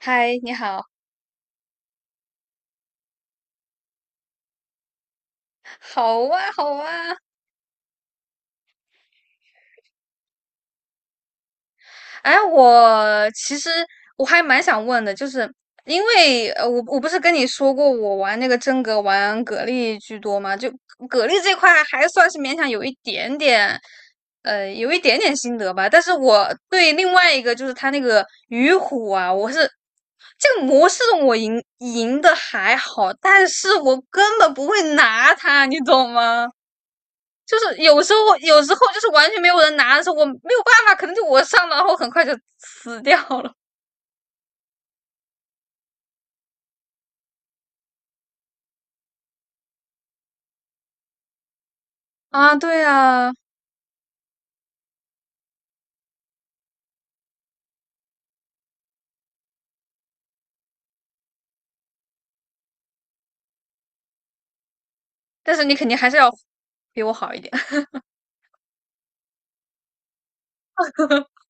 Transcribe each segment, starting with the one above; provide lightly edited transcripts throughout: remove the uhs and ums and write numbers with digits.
嗨，你好，好啊，好啊。哎，我其实我还蛮想问的，就是因为我不是跟你说过我玩那个真格玩蛤蜊居多吗？就蛤蜊这块还算是勉强有一点点，有一点点心得吧。但是我对另外一个就是他那个鱼虎啊，这个模式我赢的还好，但是我根本不会拿它，你懂吗？就是有时候就是完全没有人拿的时候，我没有办法，可能就我上了，然后很快就死掉了啊。对啊，但是你肯定还是要比我好一点。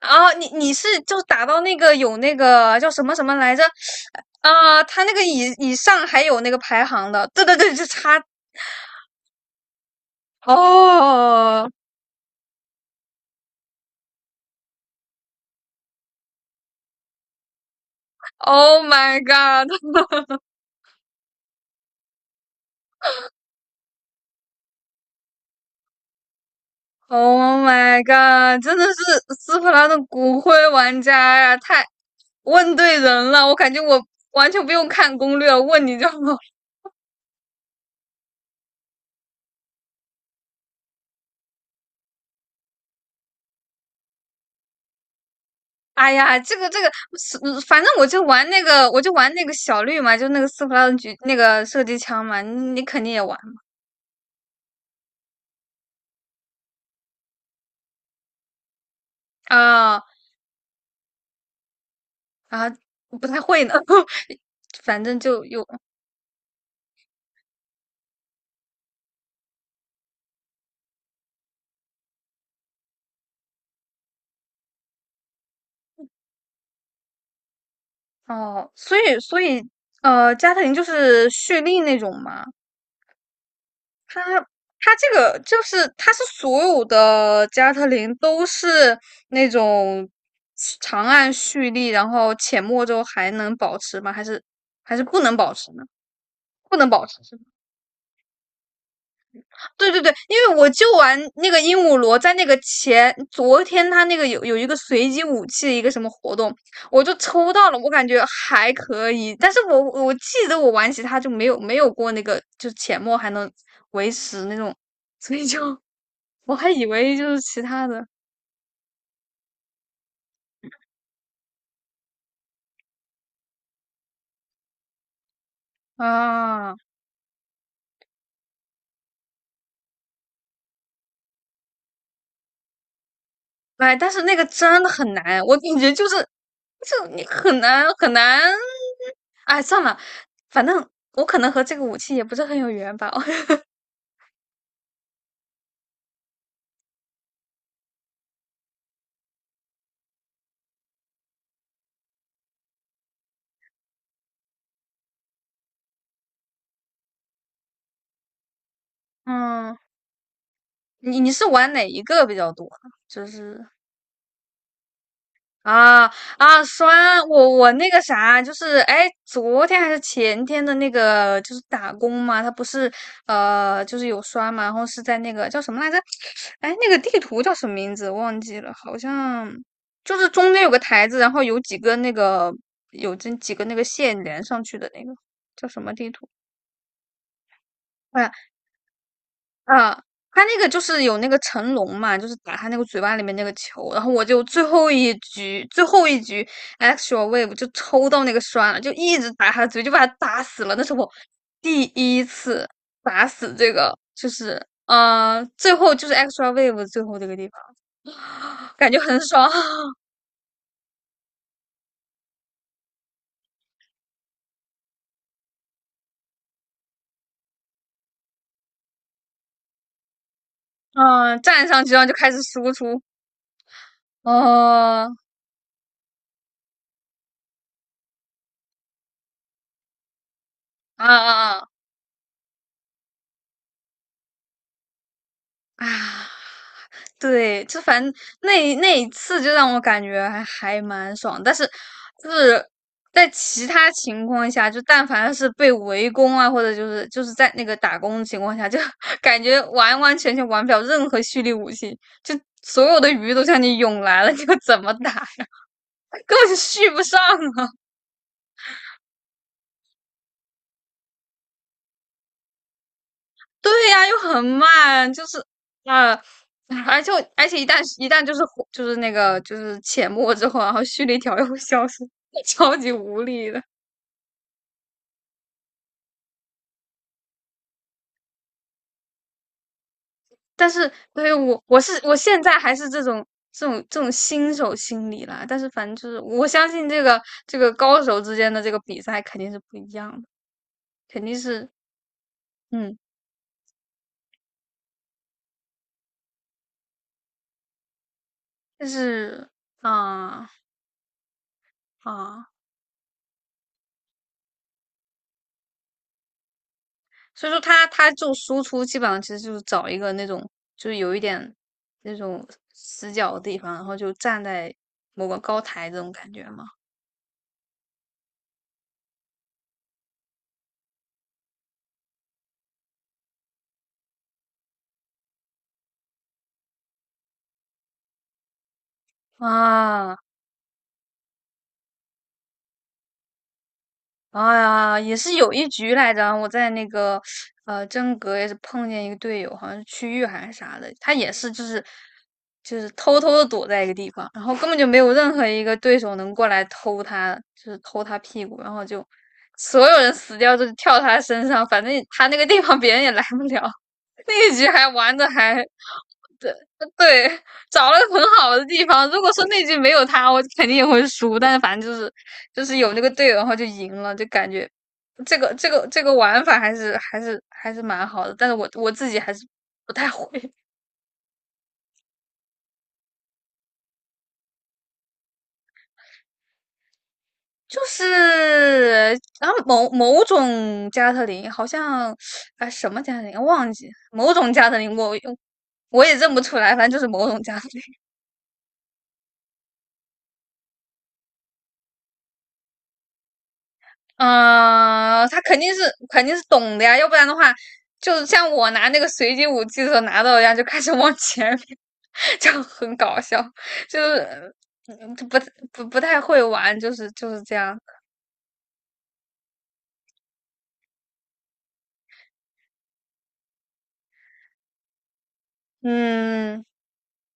啊，你是就打到那个有那个叫什么什么来着？啊，他那个以上还有那个排行的，对对对，就差哦，Oh my god！Oh my god！真的是斯普拉的骨灰玩家呀、啊太问对人了。我感觉我完全不用看攻略，问你就好。哎呀，反正我就玩那个小绿嘛，就那个斯普拉的狙那个射击枪嘛，你肯定也玩啊啊，不太会呢。反正就有哦，所以加特林就是蓄力那种嘛。它它这个就是它是所有的加特林都是那种长按蓄力，然后浅墨之后还能保持吗？还是不能保持呢？不能保持是吗？对对对，因为我就玩那个鹦鹉螺，在那个前昨天他那个有一个随机武器的一个什么活动，我就抽到了，我感觉还可以，但是我记得我玩其他就没有过那个，就是浅墨还能维持那种，所以就我还以为就是其他的啊，哎，但是那个真的很难，我感觉就是，就你很难很难，哎，算了，反正我可能和这个武器也不是很有缘吧。嗯，你是玩哪一个比较多呢就是啊啊，刷我那个啥，就是哎，昨天还是前天的那个，就是打工嘛，他不是就是有刷嘛，然后是在那个叫什么来着？哎，那个地图叫什么名字？忘记了，好像就是中间有个台子，然后有这几个那个线连上去的那个叫什么地图？啊，他那个就是有那个成龙嘛，就是打他那个嘴巴里面那个球，然后我就最后一局 extra wave 就抽到那个栓了，就一直打他的嘴，就把他打死了。那是我第一次打死这个，就是最后就是 extra wave 最后这个地方，感觉很爽。嗯、站上去然后就开始输出，哦啊啊啊！啊，对，就反正那一次就让我感觉还蛮爽，但是就是在其他情况下，就但凡是被围攻啊，或者就是在那个打工的情况下，就 感觉完完全全玩不了任何蓄力武器，就所有的鱼都向你涌来了，你要怎么打呀？根本就续不上啊！对呀，又很慢，就是啊，而且我一旦就是火就是那个就是浅没之后，然后蓄力条又会消失，超级无力的。但是对于我我现在还是这种新手心理啦，但是反正就是我相信这个高手之间的这个比赛肯定是不一样的，肯定是嗯，但是啊啊。所以说他就输出基本上其实就是找一个那种就是有一点那种死角的地方，然后就站在某个高台这种感觉嘛。啊，哎呀，也是有一局来着，我在那个呃真格也是碰见一个队友，好像是区域还是啥的，他也是就是偷偷的躲在一个地方，然后根本就没有任何一个对手能过来偷他，就是偷他屁股，然后就所有人死掉就跳他身上，反正他那个地方别人也来不了。那一局还玩的还对对，找了个很好的地方。如果说那局没有他，我肯定也会输。但是反正就是有那个队友，然后就赢了，就感觉这个玩法还是蛮好的。但是我自己还是不太会。就是然后某种加特林，好像啊什么加特林忘记，某种加特林我也认不出来，反正就是某种加特林。嗯、呃他肯定是懂的呀，要不然的话，就像我拿那个随机武器的时候拿到一样，就开始往前面，就很搞笑，就是嗯不太会玩，就是这样，嗯。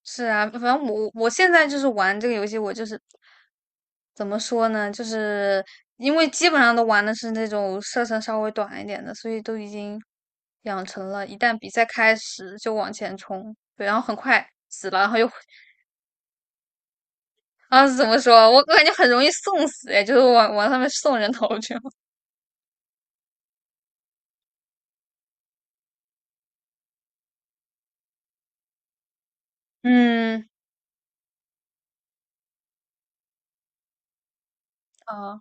是啊，反正我现在就是玩这个游戏，我就是怎么说呢，就是因为基本上都玩的是那种射程稍微短一点的，所以都已经养成了，一旦比赛开始就往前冲，对，然后很快死了，然后又啊怎么说，我感觉很容易送死，哎，就是往上面送人头去了。嗯，啊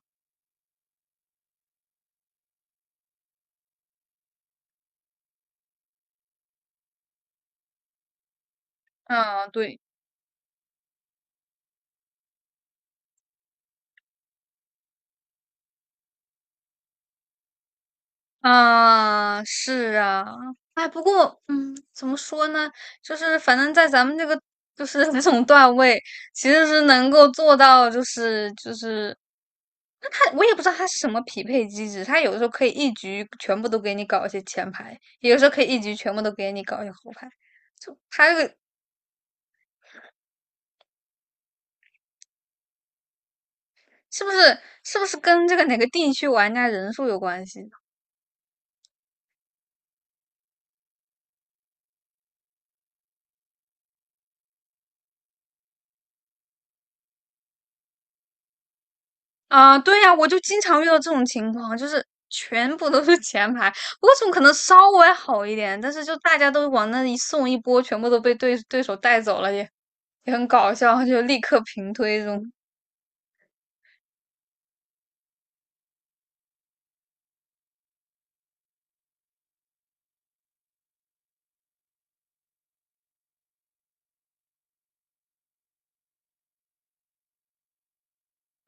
啊，对。啊，是啊，哎，不过，嗯，怎么说呢？就是反正在咱们这个就是 这种段位，其实是能够做到，那他我也不知道他是什么匹配机制，他有的时候可以一局全部都给你搞一些前排，有的时候可以一局全部都给你搞一些后排，就他这个是不是是不是跟这个哪个地区玩家人数有关系？啊，对呀，我就经常遇到这种情况，就是全部都是前排，我总可能稍微好一点，但是就大家都往那一送一波，全部都被对手带走了，也很搞笑，就立刻平推这种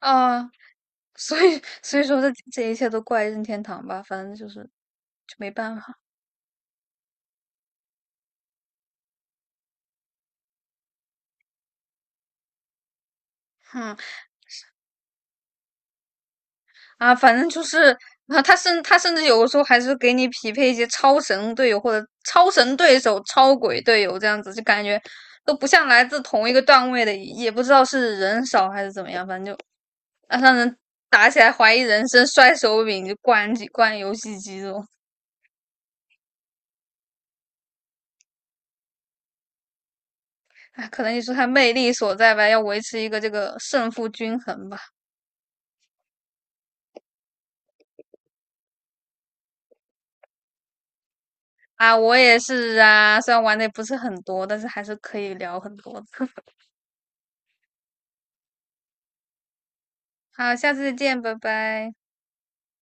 啊，所以说这一切都怪任天堂吧，反正就是就没办法，哼。啊，反正就是啊，他甚至有的时候还是给你匹配一些超神队友或者超神对手、超鬼队友这样子，就感觉都不像来自同一个段位的，也不知道是人少还是怎么样，反正就啊让人打起来怀疑人生、摔手柄、就灌机、灌游戏机这种。哎，可能也是他魅力所在吧，要维持一个这个胜负均衡吧。啊，我也是啊，虽然玩的也不是很多，但是还是可以聊很多的。好，下次再见，拜拜。